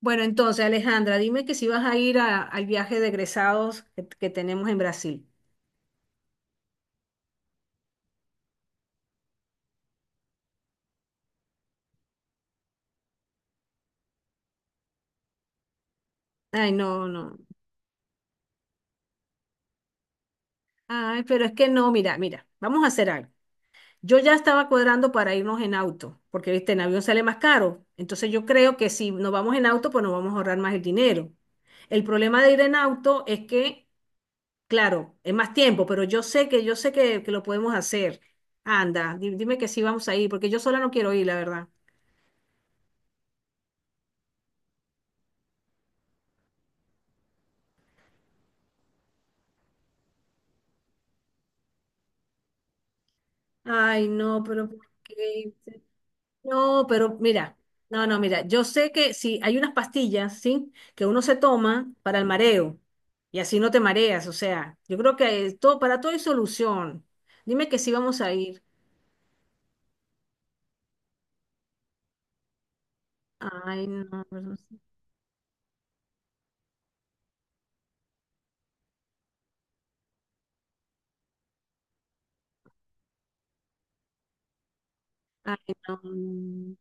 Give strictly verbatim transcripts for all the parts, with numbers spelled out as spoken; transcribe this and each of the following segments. Bueno, entonces, Alejandra, dime que si vas a ir a- al viaje de egresados que, que tenemos en Brasil. Ay, no, no. Ay, pero es que no, mira, mira, vamos a hacer algo. Yo ya estaba cuadrando para irnos en auto, porque, viste, en avión sale más caro. Entonces yo creo que si nos vamos en auto, pues nos vamos a ahorrar más el dinero. El problema de ir en auto es que, claro, es más tiempo, pero yo sé que, yo sé que, que lo podemos hacer. Anda, di- dime que sí vamos a ir, porque yo sola no quiero ir, la verdad. Ay, no, ¿pero por qué? No, pero mira, no, no, mira, yo sé que sí, hay unas pastillas, ¿sí? Que uno se toma para el mareo y así no te mareas, o sea, yo creo que eh, todo, para todo hay solución. Dime que sí vamos a ir. Ay, no, pero- ay, no. No, no.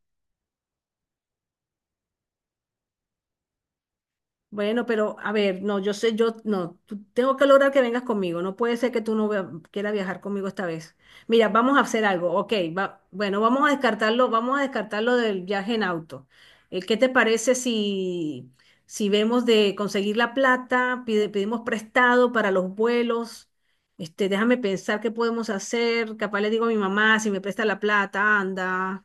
Bueno, pero a ver, no, yo sé, yo no, tú- tengo que lograr que vengas conmigo. No puede ser que tú no vea- quieras viajar conmigo esta vez. Mira, vamos a hacer algo, ok. Va, bueno, vamos a descartarlo, vamos a descartarlo del viaje en auto. Eh, ¿qué te parece si, si vemos de conseguir la plata, pide- pedimos prestado para los vuelos? Este, déjame pensar qué podemos hacer. Capaz le digo a mi mamá si me presta la plata, anda.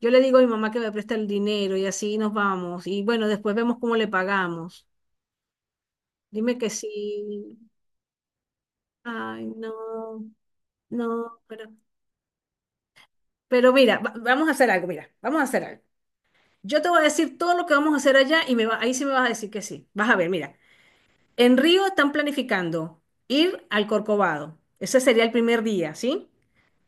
Yo le digo a mi mamá que me presta el dinero y así nos vamos. Y bueno, después vemos cómo le pagamos. Dime que sí. Ay, no, no, pero, pero mira, va- vamos a hacer algo, mira, vamos a hacer algo. Yo te voy a decir todo lo que vamos a hacer allá y me va, ahí sí me vas a decir que sí. Vas a ver, mira, en Río están planificando ir al Corcovado. Ese sería el primer día, ¿sí?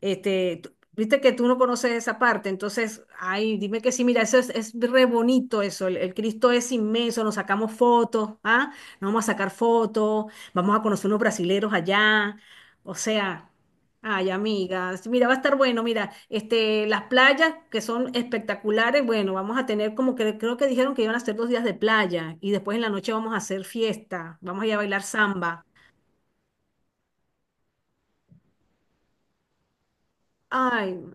Este, tú- viste que tú no conoces esa parte, entonces, ay, dime que sí, mira, eso es, es re bonito eso, el, el Cristo es inmenso, nos sacamos fotos, ¿ah? Nos vamos a sacar fotos, vamos a conocer unos brasileros allá, o sea, ay, amigas, mira, va a estar bueno, mira, este, las playas que son espectaculares, bueno, vamos a tener como que creo que dijeron que iban a hacer dos días de playa y después en la noche vamos a hacer fiesta, vamos a ir a bailar samba. Ay,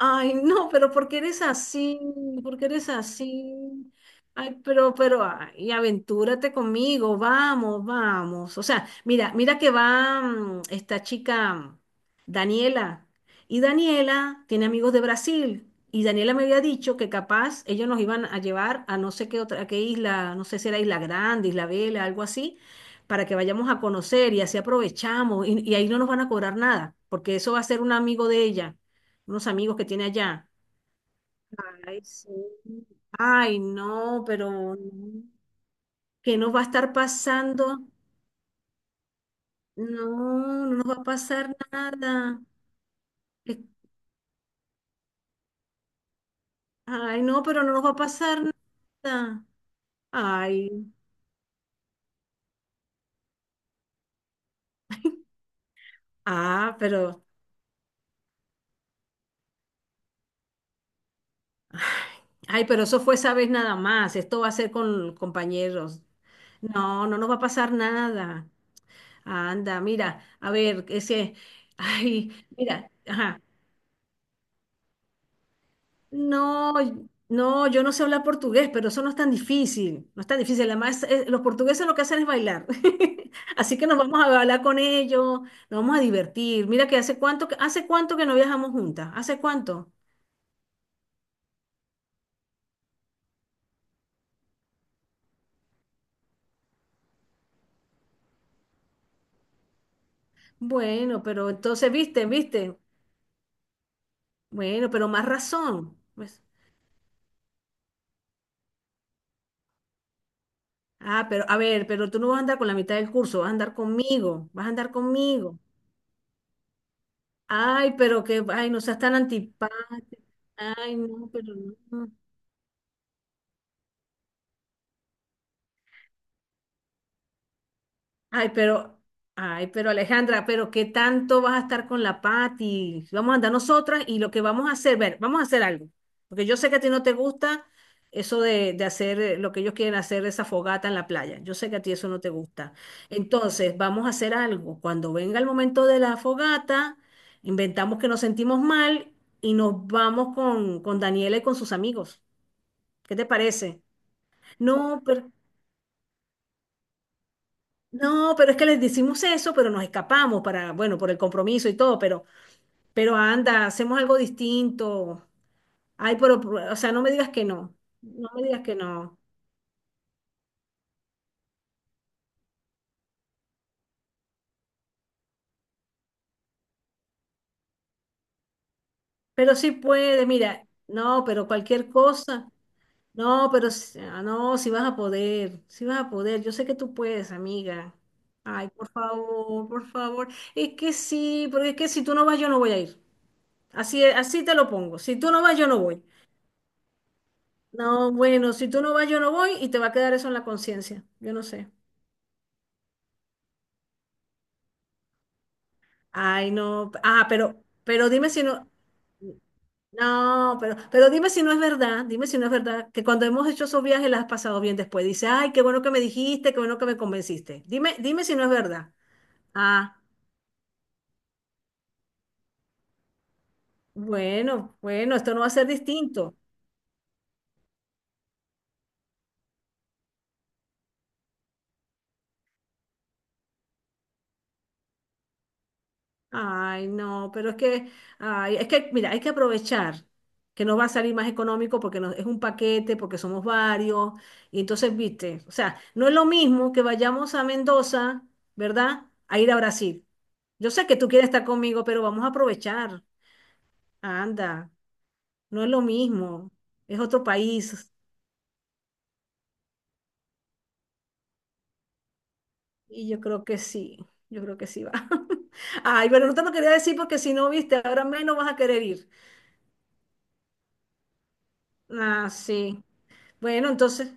ay, no, ¿pero porque eres así? ¿Porque eres así? Ay, pero, pero, ay, aventúrate conmigo, vamos, vamos. O sea, mira, mira que va mm, esta chica, Daniela, y Daniela tiene amigos de Brasil, y Daniela me había dicho que capaz ellos nos iban a llevar a no sé qué otra, a qué isla, no sé si era Isla Grande, Isla Vela, algo así, para que vayamos a conocer y así aprovechamos, y, y ahí no nos van a cobrar nada, porque eso va a ser un amigo de ella unos amigos que tiene allá. Ay, sí. Ay, no, pero no. ¿Qué nos va a estar pasando? No, no nos va a pasar nada. Eh, Ay, no, pero no nos va a pasar nada. Ay, ah, pero, ay, pero eso fue esa vez nada más. Esto va a ser con compañeros. No, no nos va a pasar nada. Anda, mira, a ver, ese, ay, mira, ajá. No, no, yo no sé hablar portugués, pero eso no es tan difícil, no es tan difícil. Además, eh, los portugueses lo que hacen es bailar. Así que nos vamos a bailar con ellos, nos vamos a divertir. Mira que hace cuánto, que- hace cuánto que no viajamos juntas, ¿hace cuánto? Bueno, pero entonces, viste, viste, bueno, pero más razón. Pues, ah, pero a ver, pero tú no vas a andar con la mitad del curso, vas a andar conmigo, vas a andar conmigo. Ay, pero que, ay, no seas tan antipático. Ay, no, pero no. Ay, pero, ay, pero Alejandra, pero ¿qué tanto vas a estar con la Pati? Vamos a andar nosotras y lo que vamos a hacer, ver, vamos a hacer algo. Porque yo sé que a ti no te gusta eso de, de hacer eh, lo que ellos quieren hacer, esa fogata en la playa. Yo sé que a ti eso no te gusta. Entonces, vamos a hacer algo. Cuando venga el momento de la fogata, inventamos que nos sentimos mal y nos vamos con, con Daniela y con sus amigos. ¿Qué te parece? No, pero... No, pero es que les decimos eso, pero nos escapamos para, bueno, por el compromiso y todo, pero, pero, anda, hacemos algo distinto. Ay, pero, o sea, no me digas que no, no me digas que no. Pero sí puede, mira, no, pero cualquier cosa, no, pero, s- ah, no, si vas a poder, si vas a poder, yo sé que tú puedes, amiga. Ay, por favor, por favor. Es que sí, porque es que si tú no vas, yo no voy a ir. Así, así te lo pongo. Si tú no vas, yo no voy. No, bueno, si tú no vas, yo no voy y te va a quedar eso en la conciencia. Yo no sé. Ay, no. Ah, pero, pero dime si no. No, pero, pero dime si no es verdad. Dime si no es verdad que cuando hemos hecho esos viajes las has pasado bien después. Dice, ay, qué bueno que me dijiste, qué bueno que me convenciste. Dime, dime si no es verdad. Ah, bueno, bueno, esto no va a ser distinto. Ay, no, pero es que, ay, es que, mira, hay que aprovechar que nos va a salir más económico porque nos- es un paquete, porque somos varios. Y entonces, viste, o sea, no es lo mismo que vayamos a Mendoza, ¿verdad? A ir a Brasil. Yo sé que tú quieres estar conmigo, pero vamos a aprovechar. Anda, no es lo mismo, es otro país. Y yo creo que sí, yo creo que sí va. Ay, bueno, no te lo quería decir porque si no, viste, ahora menos vas a querer ir. Ah, sí. Bueno, entonces.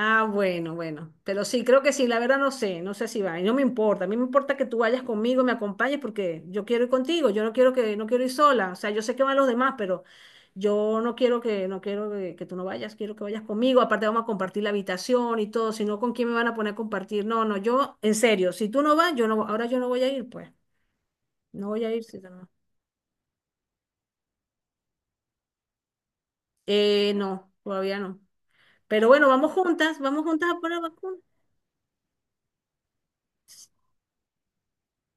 Ah, bueno, bueno, pero sí, creo que sí, la verdad no sé, no sé si va, y no me importa, a mí me importa que tú vayas conmigo, me acompañes porque yo quiero ir contigo, yo no quiero que, no quiero ir sola, o sea, yo sé que van los demás, pero yo no quiero que, no quiero que, que tú no vayas, quiero que vayas conmigo, aparte vamos a compartir la habitación y todo, si no, ¿con quién me van a poner a compartir? No, no, yo, en serio, si tú no vas, yo no, ahora yo no voy a ir, pues, no voy a ir si tú no vas. Eh, no, todavía no, pero bueno, vamos juntas, vamos juntas a poner vacunas.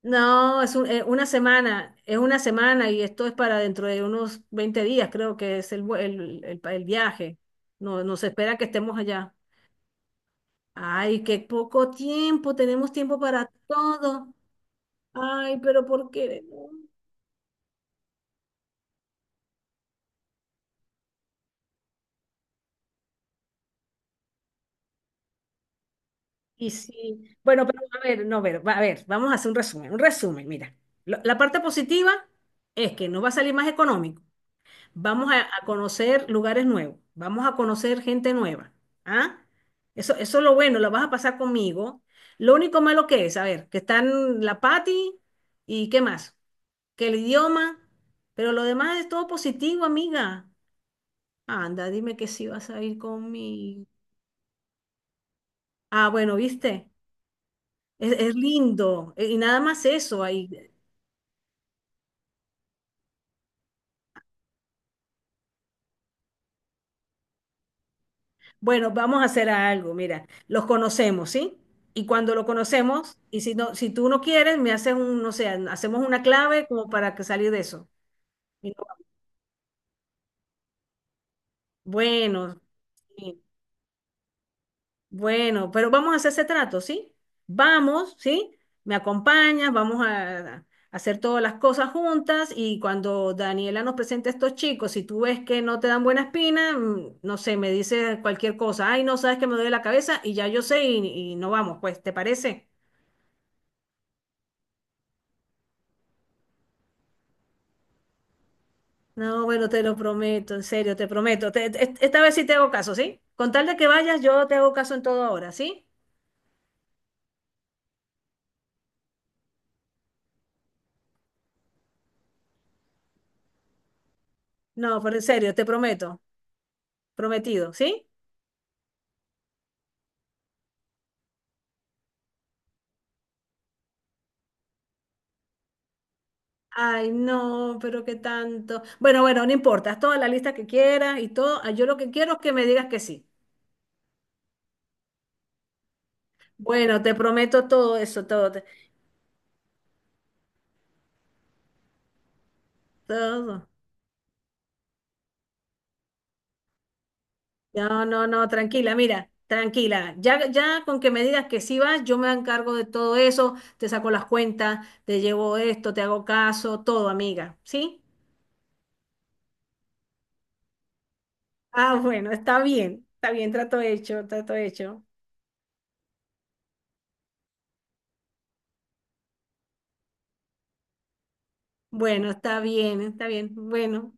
No, es un- eh, una semana, es una semana y esto es para dentro de unos veinte días, creo que es el, vue- el, el pa- el viaje. No, nos espera que estemos allá. Ay, qué poco tiempo, tenemos tiempo para todo. Ay, pero ¿por qué? ¿No? Y sí, bueno, pero a ver, no, a ver, va- a ver, vamos a hacer un resumen, un resumen, mira. Lo- la parte positiva es que nos va a salir más económico. Vamos a, a conocer lugares nuevos, vamos a conocer gente nueva. ¿Ah? Eso, eso es lo bueno, la vas a pasar conmigo. Lo único malo que es, a ver, que están la Pati y qué más, que el idioma, pero lo demás es todo positivo, amiga. Anda, dime que sí vas a ir conmigo. Ah, bueno, viste, es, es lindo. E- Y nada más eso ahí. Bueno, vamos a hacer algo, mira, los conocemos, ¿sí? Y cuando lo conocemos, y si no, si tú no quieres, me haces un, no sé, hacemos una clave como para que salir de eso. Y no, bueno, sí, bueno, pero vamos a hacer ese trato, ¿sí? Vamos, ¿sí? Me acompañas, vamos a, a hacer todas las cosas juntas y cuando Daniela nos presente a estos chicos, si tú ves que no te dan buena espina, mm, no sé, me dices cualquier cosa, ay, no sabes que me duele la cabeza y ya yo sé y, y no vamos, pues, ¿te parece? No, bueno, te lo prometo, en serio, te prometo. Te- te- esta vez sí te hago caso, ¿sí? Con tal de que vayas, yo te hago caso en todo ahora, ¿sí? No, pero en serio, te prometo. Prometido, ¿sí? Ay, no, pero qué tanto. Bueno, bueno, no importa, haz toda la lista que quieras y todo. Ah, yo lo que quiero es que me digas que sí. Bueno, te prometo todo eso, todo, te- todo. No, no, no, tranquila, mira, tranquila. Ya, ya con que me digas que sí vas, yo me encargo de todo eso, te saco las cuentas, te llevo esto, te hago caso, todo, amiga, ¿sí? Ah, bueno, está bien, está bien, trato hecho, trato hecho. Bueno, está bien, está bien, bueno,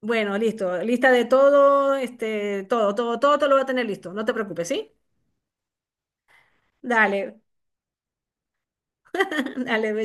bueno, listo, lista de todo, este, todo, todo, todo todo lo voy a tener listo, no te preocupes, ¿sí? Dale, dale.